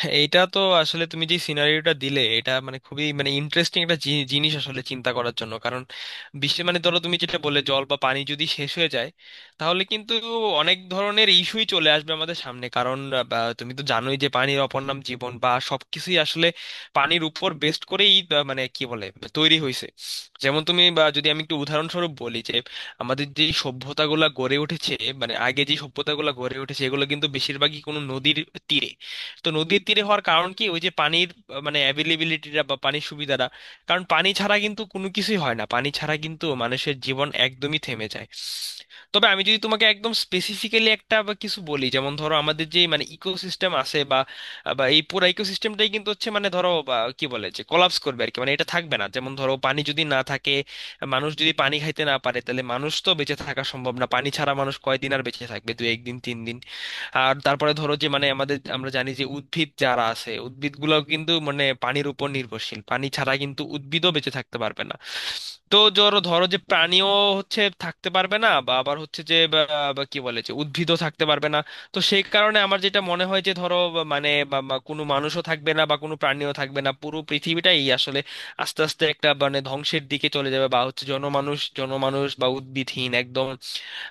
হ্যাঁ, এইটা তো আসলে তুমি যে সিনারিওটা দিলে এটা মানে খুবই মানে ইন্টারেস্টিং একটা জিনিস আসলে চিন্তা করার জন্য। কারণ বিশ্বে মানে ধরো তুমি যেটা বললে জল বা পানি যদি শেষ হয়ে যায় তাহলে কিন্তু অনেক ধরনের ইস্যুই চলে আসবে আমাদের সামনে। কারণ বা তুমি তো জানোই যে পানির অপর নাম জীবন, বা সবকিছুই আসলে পানির উপর বেস্ট করেই মানে কি বলে তৈরি হয়েছে। যেমন তুমি বা যদি আমি একটু উদাহরণস্বরূপ বলি যে আমাদের যে সভ্যতাগুলা গড়ে উঠেছে, মানে আগে যে সভ্যতাগুলা গড়ে উঠেছে এগুলো কিন্তু বেশিরভাগই কোনো নদীর তীরে। তো নদীর তীরে হওয়ার কারণ কি, ওই যে পানির মানে অ্যাভেলেবিলিটিটা বা পানির সুবিধাটা। কারণ পানি ছাড়া কিন্তু কোনো কিছুই হয় না, পানি ছাড়া কিন্তু মানুষের জীবন একদমই থেমে যায়। তবে আমি যদি তোমাকে একদম স্পেসিফিক্যালি একটা বা কিছু বলি, যেমন ধরো আমাদের যে মানে ইকোসিস্টেম আছে বা বা এই পুরো ইকোসিস্টেমটাই কিন্তু হচ্ছে মানে ধরো বা কি বলে যে কোলাপস করবে আর কি, মানে এটা থাকবে না। যেমন ধরো পানি যদি না থাকে, মানুষ যদি পানি খাইতে না পারে তাহলে মানুষ তো বেঁচে থাকা সম্ভব না। পানি ছাড়া মানুষ কয়দিন আর বেঁচে থাকবে, দু একদিন তিন দিন। আর তারপরে ধরো যে মানে আমাদের আমরা জানি যে উদ্ভিদ যারা আছে উদ্ভিদগুলোও কিন্তু মানে পানির উপর নির্ভরশীল, পানি ছাড়া কিন্তু উদ্ভিদও বেঁচে থাকতে পারবে না। তো ধরো ধরো যে প্রাণীও হচ্ছে থাকতে পারবে না, বা আবার হচ্ছে যে বা বা কি বলে যে উদ্ভিদও থাকতে পারবে না। তো সেই কারণে আমার যেটা মনে হয় যে ধরো বা মানে বা বা কোনো মানুষও থাকবে না বা কোনো প্রাণীও থাকবে না, পুরো পৃথিবীটাই আসলে আস্তে আস্তে একটা মানে ধ্বংসের দিকে চলে যাবে, বা হচ্ছে জনমানুষ জনমানুষ বা উদ্ভিদহীন একদম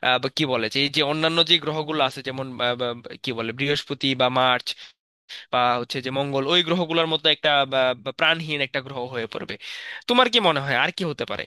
বা কি বলে যে এই যে অন্যান্য যে গ্রহগুলো আছে, যেমন বা কি বলে বৃহস্পতি বা মার্চ বা হচ্ছে যে মঙ্গল ওই গ্রহগুলোর মতো একটা বা প্রাণহীন একটা গ্রহ হয়ে পড়বে। তোমার কি মনে হয় আর কি হতে পারে?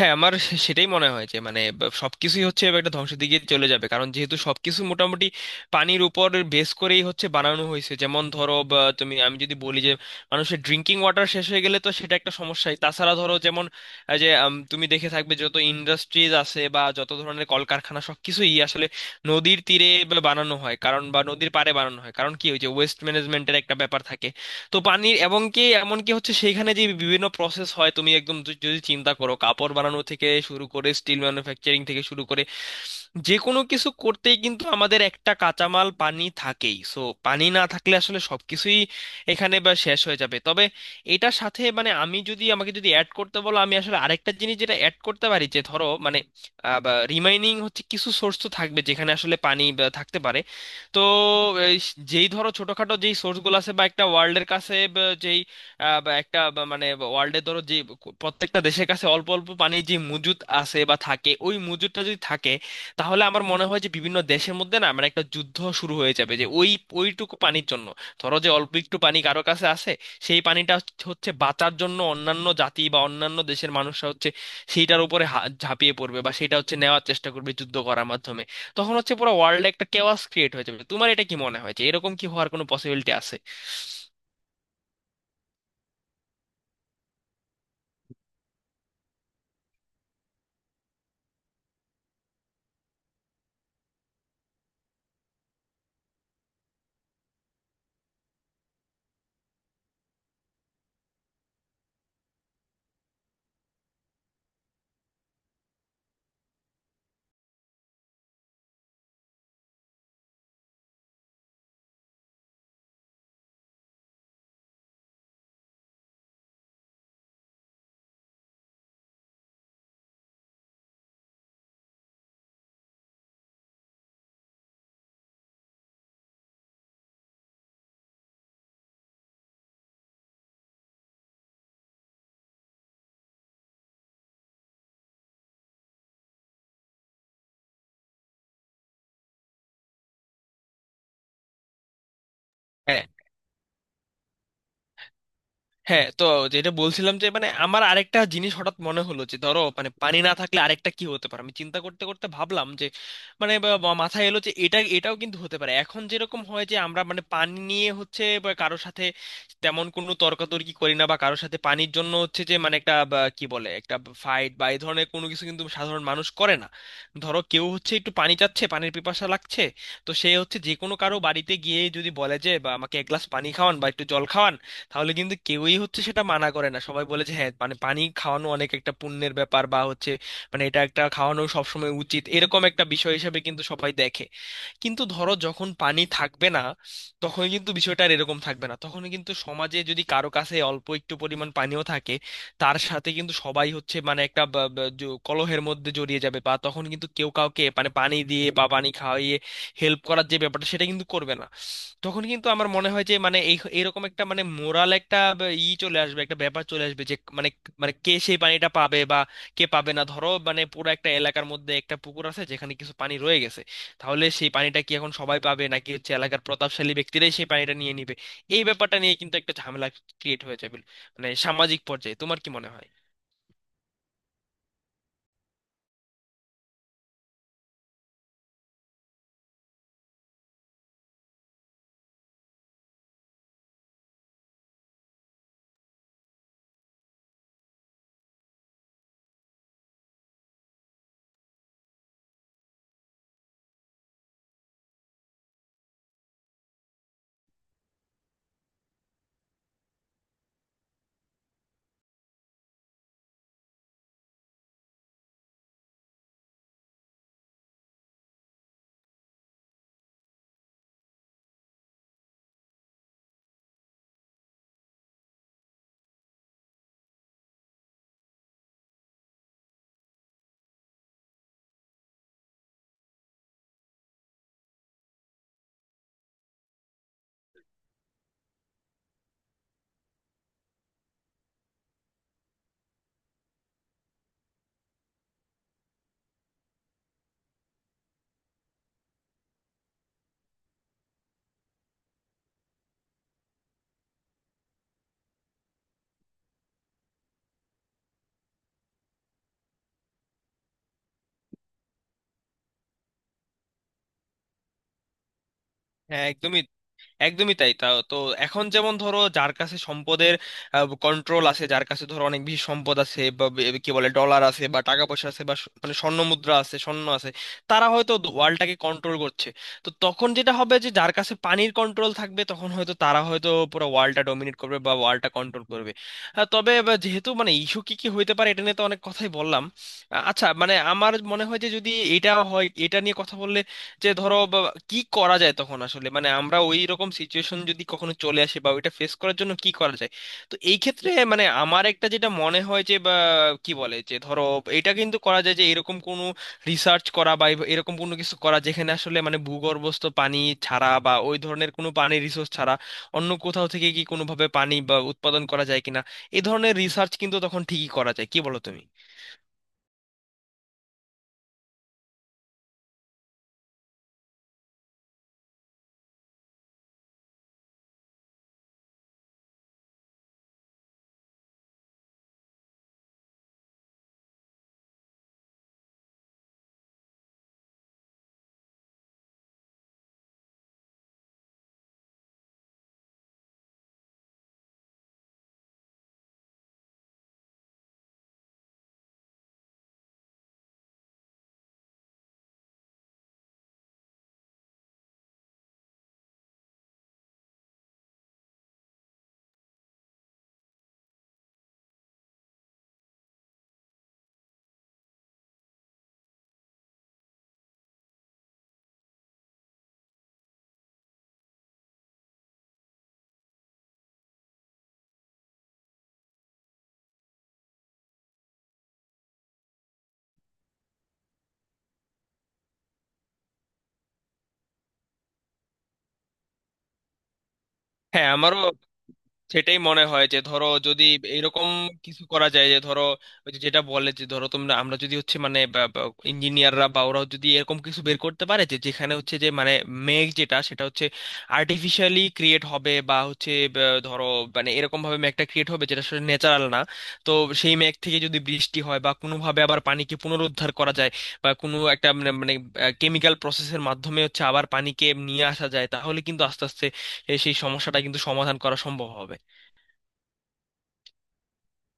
হ্যাঁ আমার সেটাই মনে হয় যে মানে সবকিছুই হচ্ছে এবার একটা ধ্বংসের দিকে চলে যাবে, কারণ যেহেতু সবকিছু মোটামুটি পানির উপর বেস করেই হচ্ছে বানানো হয়েছে। যেমন ধরো বা তুমি আমি যদি বলি যে মানুষের ড্রিঙ্কিং ওয়াটার শেষ হয়ে গেলে তো সেটা একটা সমস্যাই। তাছাড়া ধরো যেমন এই যে তুমি দেখে থাকবে যত ইন্ডাস্ট্রিজ আছে বা যত ধরনের কলকারখানা সবকিছুই আসলে নদীর তীরে বা বানানো হয়, কারণ বা নদীর পাড়ে বানানো হয় কারণ কি ওই যে ওয়েস্ট ম্যানেজমেন্টের একটা ব্যাপার থাকে। তো পানির, এবং কি এমনকি হচ্ছে সেইখানে যে বিভিন্ন প্রসেস হয়, তুমি একদম যদি যদি চিন্তা করো কাপড় বানানো থেকে শুরু করে স্টিল ম্যানুফ্যাকচারিং থেকে শুরু করে যে কোনো কিছু করতেই কিন্তু আমাদের একটা কাঁচামাল পানি থাকেই। সো পানি না থাকলে আসলে সবকিছুই এখানে বা শেষ হয়ে যাবে। তবে এটার সাথে মানে আমি যদি আমাকে যদি অ্যাড করতে বলো আমি আসলে আরেকটা জিনিস যেটা অ্যাড করতে পারি যে ধরো মানে রিমাইনিং হচ্ছে কিছু সোর্স তো থাকবে যেখানে আসলে পানি বা থাকতে পারে। তো এই যেই ধরো ছোটখাটো যেই সোর্সগুলো আছে বা একটা ওয়ার্ল্ডের কাছে বা যেই বা একটা বা মানে ওয়ার্ল্ডের ধরো যে প্রত্যেকটা দেশের কাছে অল্প অল্প পানি যে মজুদ আছে বা থাকে, ওই মজুদটা যদি থাকে তাহলে আমার মনে হয় যে বিভিন্ন দেশের মধ্যে না মানে একটা যুদ্ধ শুরু হয়ে যাবে যে ওই ওইটুকু পানির জন্য। ধরো যে অল্প একটু পানি কারো কাছে আছে, সেই পানিটা হচ্ছে হচ্ছে বাঁচার জন্য অন্যান্য জাতি বা অন্যান্য দেশের মানুষরা হচ্ছে সেইটার উপরে ঝাঁপিয়ে পড়বে বা সেটা হচ্ছে নেওয়ার চেষ্টা করবে যুদ্ধ করার মাধ্যমে। তখন হচ্ছে পুরো ওয়ার্ল্ডে একটা কেওয়াস ক্রিয়েট হয়ে যাবে। তোমার এটা কি মনে হয় যে এরকম কি হওয়ার কোনো পসিবিলিটি আছে? হ্যাঁ। হ্যাঁ তো যেটা বলছিলাম যে মানে আমার আরেকটা জিনিস হঠাৎ মনে হলো যে ধরো মানে পানি না থাকলে আরেকটা কি হতে পারে আমি চিন্তা করতে করতে ভাবলাম যে মানে বা মাথায় এলো যে এটাও কিন্তু হতে পারে এখন যেরকম হয় যে আমরা মানে পানি নিয়ে হচ্ছে বা কারোর সাথে তেমন কোনো তর্কাতর্কি করি না বা কারোর সাথে পানির জন্য হচ্ছে যে মানে একটা বা কি বলে একটা ফাইট বা এই ধরনের কোনো কিছু কিন্তু সাধারণ মানুষ করে না। ধরো কেউ হচ্ছে একটু পানি চাচ্ছে পানির পিপাসা লাগছে, তো সে হচ্ছে যে কোনো কারো বাড়িতে গিয়ে যদি বলে যে বা আমাকে এক গ্লাস পানি খাওয়ান বা একটু জল খাওয়ান, তাহলে কিন্তু কেউই হচ্ছে সেটা মানা করে না, সবাই বলে যে হ্যাঁ মানে পানি খাওয়ানো অনেক একটা পুণ্যের ব্যাপার বা হচ্ছে মানে এটা একটা খাওয়ানো সবসময় উচিত এরকম একটা বিষয় হিসেবে কিন্তু সবাই দেখে। কিন্তু ধরো যখন পানি থাকবে না তখন কিন্তু বিষয়টা আর এরকম থাকবে না, তখন কিন্তু সমাজে যদি কারো কাছে অল্প একটু পরিমাণ পানিও থাকে তার সাথে কিন্তু সবাই হচ্ছে মানে একটা বা- বা জ- কলহের মধ্যে জড়িয়ে যাবে, বা তখন কিন্তু কেউ কাউকে মানে পানি দিয়ে বা পানি খাওয়িয়ে হেল্প করার যে ব্যাপারটা সেটা কিন্তু করবে না। তখন কিন্তু আমার মনে হয় যে মানে এরকম একটা মানে মোরাল একটা ব- ই চলে আসবে একটা ব্যাপার চলে আসবে যে মানে, মানে কে সেই পানিটা পাবে বা কে পাবে না। ধরো মানে পুরো একটা এলাকার মধ্যে একটা পুকুর আছে যেখানে কিছু পানি রয়ে গেছে, তাহলে সেই পানিটা কি এখন সবাই পাবে নাকি হচ্ছে এলাকার প্রতাপশালী ব্যক্তিরাই সেই পানিটা নিয়ে নিবে, এই ব্যাপারটা নিয়ে কিন্তু একটা ঝামেলা ক্রিয়েট হয়ে যাবে মানে সামাজিক পর্যায়ে। তোমার কি মনে হয়? হ্যাঁ একদমই। একদমই তাই, তা তো এখন যেমন ধরো যার কাছে সম্পদের কন্ট্রোল আছে, যার কাছে ধরো অনেক বেশি সম্পদ আছে বা কি বলে ডলার আছে বা টাকা পয়সা আছে বা মানে স্বর্ণ মুদ্রা আছে স্বর্ণ আছে, তারা হয়তো ওয়ার্ল্ডটাকে কন্ট্রোল করছে। তো তখন যেটা হবে যে যার কাছে পানির কন্ট্রোল থাকবে তখন হয়তো তারা হয়তো পুরো ওয়ার্ল্ডটা ডমিনেট করবে বা ওয়ার্ল্ডটা কন্ট্রোল করবে। তবে বা যেহেতু মানে ইস্যু কি কি হইতে পারে এটা নিয়ে তো অনেক কথাই বললাম। আচ্ছা মানে আমার মনে হয় যে যদি এটা হয় এটা নিয়ে কথা বললে যে ধরো কি করা যায় তখন আসলে মানে আমরা ওই রকম সিচুয়েশন যদি কখনো চলে আসে বা ওইটা ফেস করার জন্য কি করা যায়। তো এই ক্ষেত্রে মানে আমার একটা যেটা মনে হয় যে বা কি বলে যে ধরো এটা কিন্তু করা যায় যে এরকম কোনো রিসার্চ করা বা এরকম কোনো কিছু করা যেখানে আসলে মানে ভূগর্ভস্থ পানি ছাড়া বা ওই ধরনের কোনো পানির রিসোর্স ছাড়া অন্য কোথাও থেকে কি কোনোভাবে পানি বা উৎপাদন করা যায় কিনা, এই ধরনের রিসার্চ কিন্তু তখন ঠিকই করা যায়। কি বলো তুমি? হ্যাঁ আমারও সেটাই মনে হয় যে ধরো যদি এরকম কিছু করা যায় যে ধরো ওই যে যেটা বলে যে ধরো তোমরা আমরা যদি হচ্ছে মানে ইঞ্জিনিয়াররা বা ওরা যদি এরকম কিছু বের করতে পারে যে যেখানে হচ্ছে যে মানে মেঘ যেটা সেটা হচ্ছে আর্টিফিশিয়ালি ক্রিয়েট হবে বা হচ্ছে বা ধরো মানে এরকম ভাবে মেঘটা ক্রিয়েট হবে যেটা আসলে ন্যাচারাল না। তো সেই মেঘ থেকে যদি বৃষ্টি হয় বা কোনোভাবে আবার পানিকে পুনরুদ্ধার করা যায় বা কোনো একটা মানে মানে কেমিক্যাল প্রসেসের মাধ্যমে হচ্ছে আবার পানিকে নিয়ে আসা যায় তাহলে কিন্তু আস্তে আস্তে সেই সমস্যাটা কিন্তু সমাধান করা সম্ভব হবে।